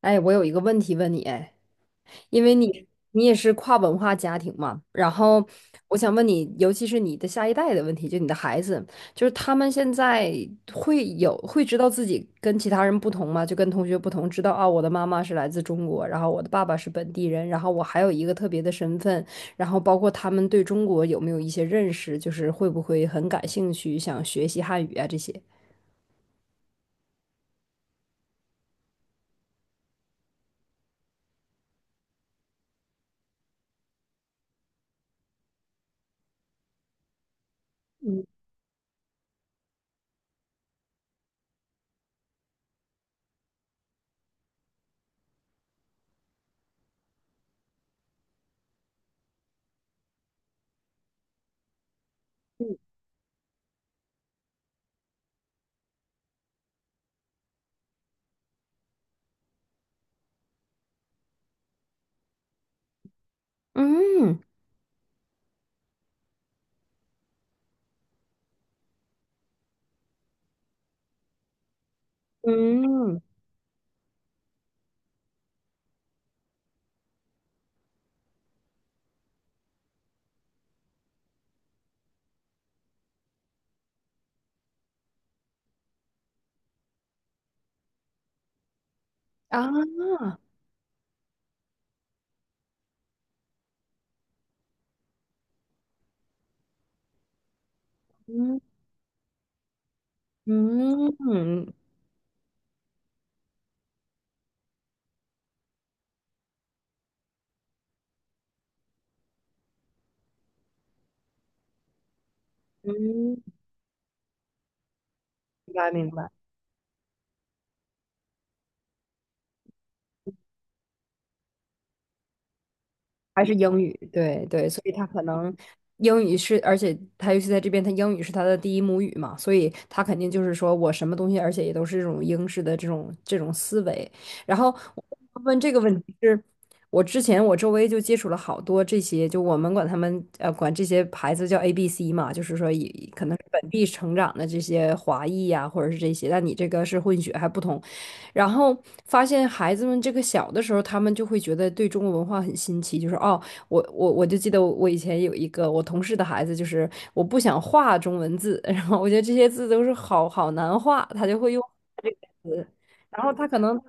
哎，我有一个问题问你，哎，因为你也是跨文化家庭嘛，然后我想问你，尤其是你的下一代的问题，就你的孩子，就是他们现在会知道自己跟其他人不同吗？就跟同学不同，知道啊，我的妈妈是来自中国，然后我的爸爸是本地人，然后我还有一个特别的身份，然后包括他们对中国有没有一些认识，就是会不会很感兴趣，想学习汉语啊这些？嗯嗯啊。嗯嗯嗯，嗯，明白明白，还是英语，对对，所以他可能英语是，而且他尤其在这边，他英语是他的第一母语嘛，所以他肯定就是说我什么东西，而且也都是这种英式的这种思维。然后我问这个问题是，我之前我周围就接触了好多这些，就我们管他们呃管这些牌子叫 ABC 嘛，就是说也可能是本地成长的这些华裔呀、或者是这些，但你这个是混血还不同。然后发现孩子们这个小的时候，他们就会觉得对中国文化很新奇，就是哦，我就记得我以前有一个我同事的孩子，就是我不想画中文字，然后我觉得这些字都是好好难画，他就会用这个词，然后他可能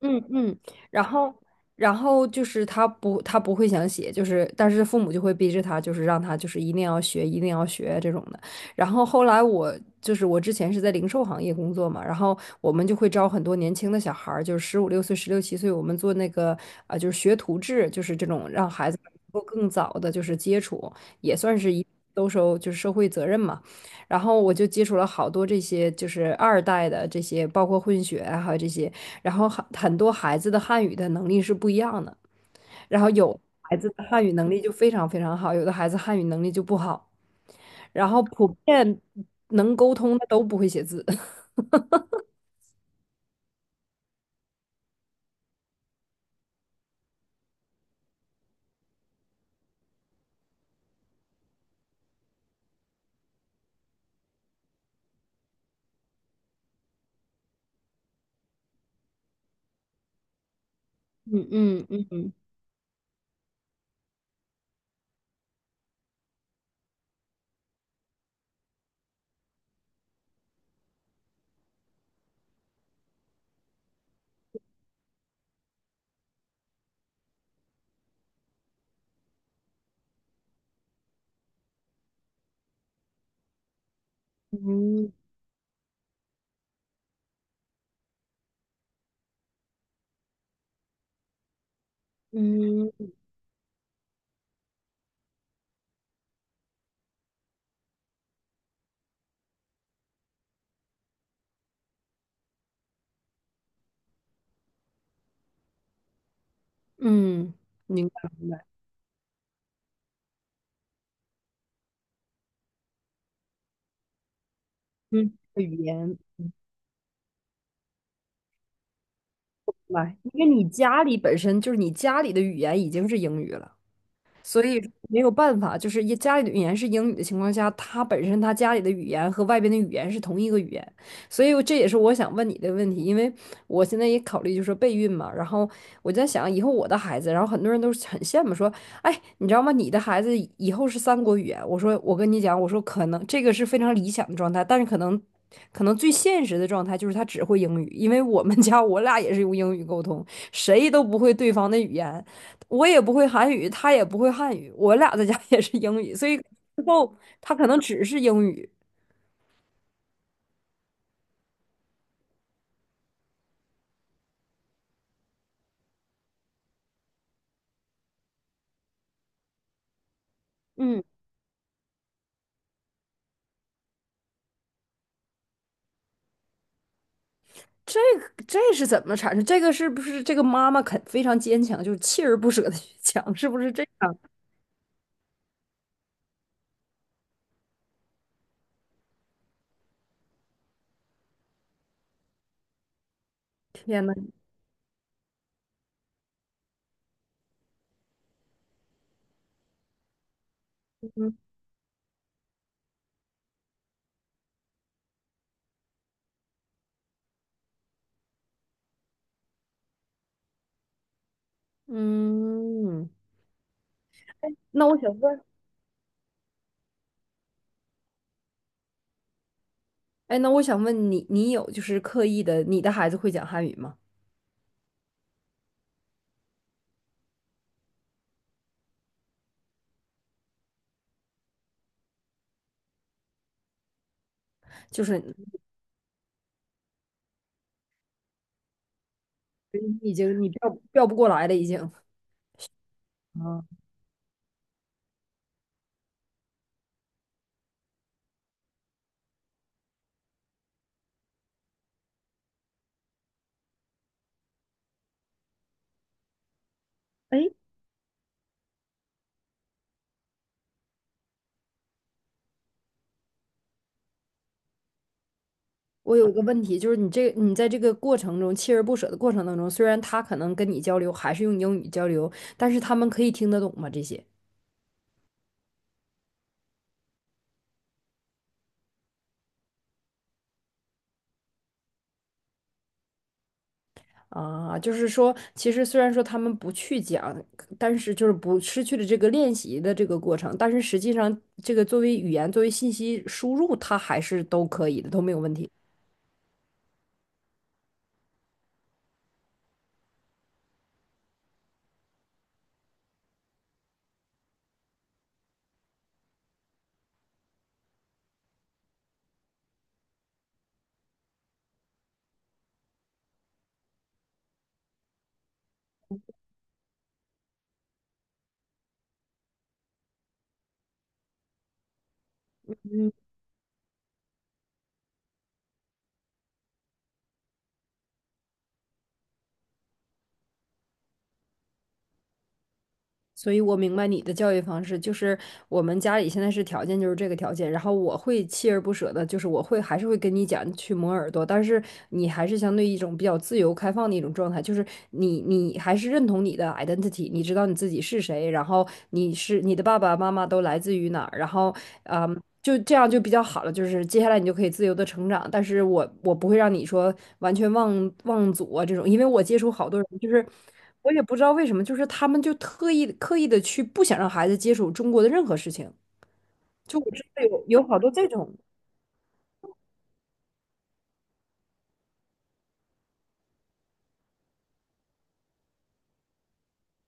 嗯嗯，然后然后就是他不会想写，就是但是父母就会逼着他，就是让他就是一定要学，一定要学这种的。然后后来我就是我之前是在零售行业工作嘛，然后我们就会招很多年轻的小孩儿，就是十五六岁、十六七岁，我们做那个啊、就是学徒制，就是这种让孩子能够更早的就是接触，也算是一都收就是社会责任嘛。然后我就接触了好多这些就是二代的这些，包括混血啊，还有这些。然后很多孩子的汉语的能力是不一样的，然后有孩子的汉语能力就非常非常好，有的孩子汉语能力就不好，然后普遍能沟通的都不会写字。嗯嗯嗯嗯嗯嗯，明白明白，嗯，语言明白因为你家里本身就是你家里的语言已经是英语了。所以没有办法，就是一家里的语言是英语的情况下，他本身他家里的语言和外边的语言是同一个语言，所以这也是我想问你的问题，因为我现在也考虑就是备孕嘛，然后我在想以后我的孩子，然后很多人都是很羡慕说，哎，你知道吗？你的孩子以后是三国语言，我说我跟你讲，我说可能这个是非常理想的状态，但是可能。可能最现实的状态就是他只会英语，因为我们家我俩也是用英语沟通，谁都不会对方的语言，我也不会韩语，他也不会汉语，我俩在家 也是英语，所以之后他可能只是英语。嗯，这个这是怎么产生？这个是不是这个妈妈肯非常坚强，就是锲而不舍的去讲，是不是这样？天呐，嗯嗯，那我想问，哎，那我想问你，你有就是刻意的，你的孩子会讲汉语吗？就是你已经你调不过来了，已经。我有一个问题，就是你这你在这个过程中锲而不舍的过程当中，虽然他可能跟你交流还是用英语交流，但是他们可以听得懂吗？这些啊，就是说，其实虽然说他们不去讲，但是就是不失去了这个练习的这个过程，但是实际上这个作为语言作为信息输入，它还是都可以的，都没有问题。所以我明白你的教育方式，就是我们家里现在是条件就是这个条件，然后我会锲而不舍的，就是我会还是会跟你讲去磨耳朵，但是你还是相对一种比较自由开放的一种状态，就是你还是认同你的 identity，你知道你自己是谁，然后你是你的爸爸妈妈都来自于哪儿，然后嗯。就这样就比较好了，就是接下来你就可以自由的成长，但是我不会让你说完全忘祖啊这种，因为我接触好多人就是。我也不知道为什么，就是他们就特意刻意的去不想让孩子接触中国的任何事情。就我知道有好多这种，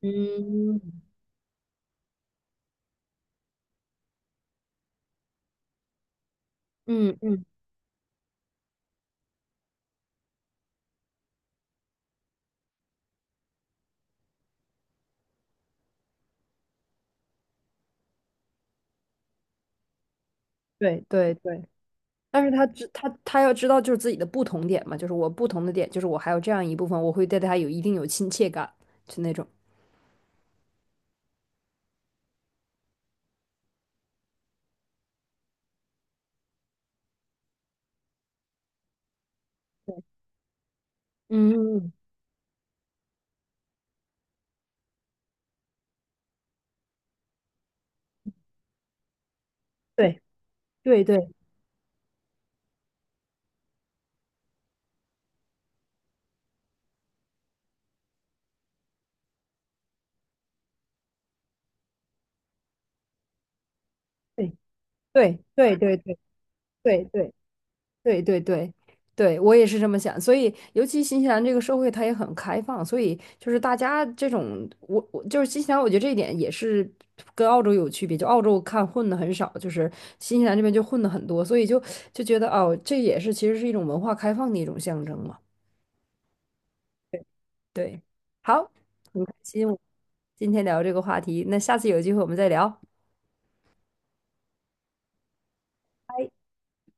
嗯嗯嗯，对对对。但是他要知道就是自己的不同点嘛，就是我不同的点，就是我还有这样一部分，我会对他有一定有亲切感，就那种。对嗯，对对对对对对对对对对对。对对对，对，我也是这么想。所以，尤其新西兰这个社会，它也很开放，所以就是大家这种，我就是新西兰，我觉得这一点也是跟澳洲有区别。就澳洲看混的很少，就是新西兰这边就混的很多，所以就觉得哦，这也是其实是一种文化开放的一种象征嘛。对，好，很开心我今天聊这个话题，那下次有机会我们再聊。拜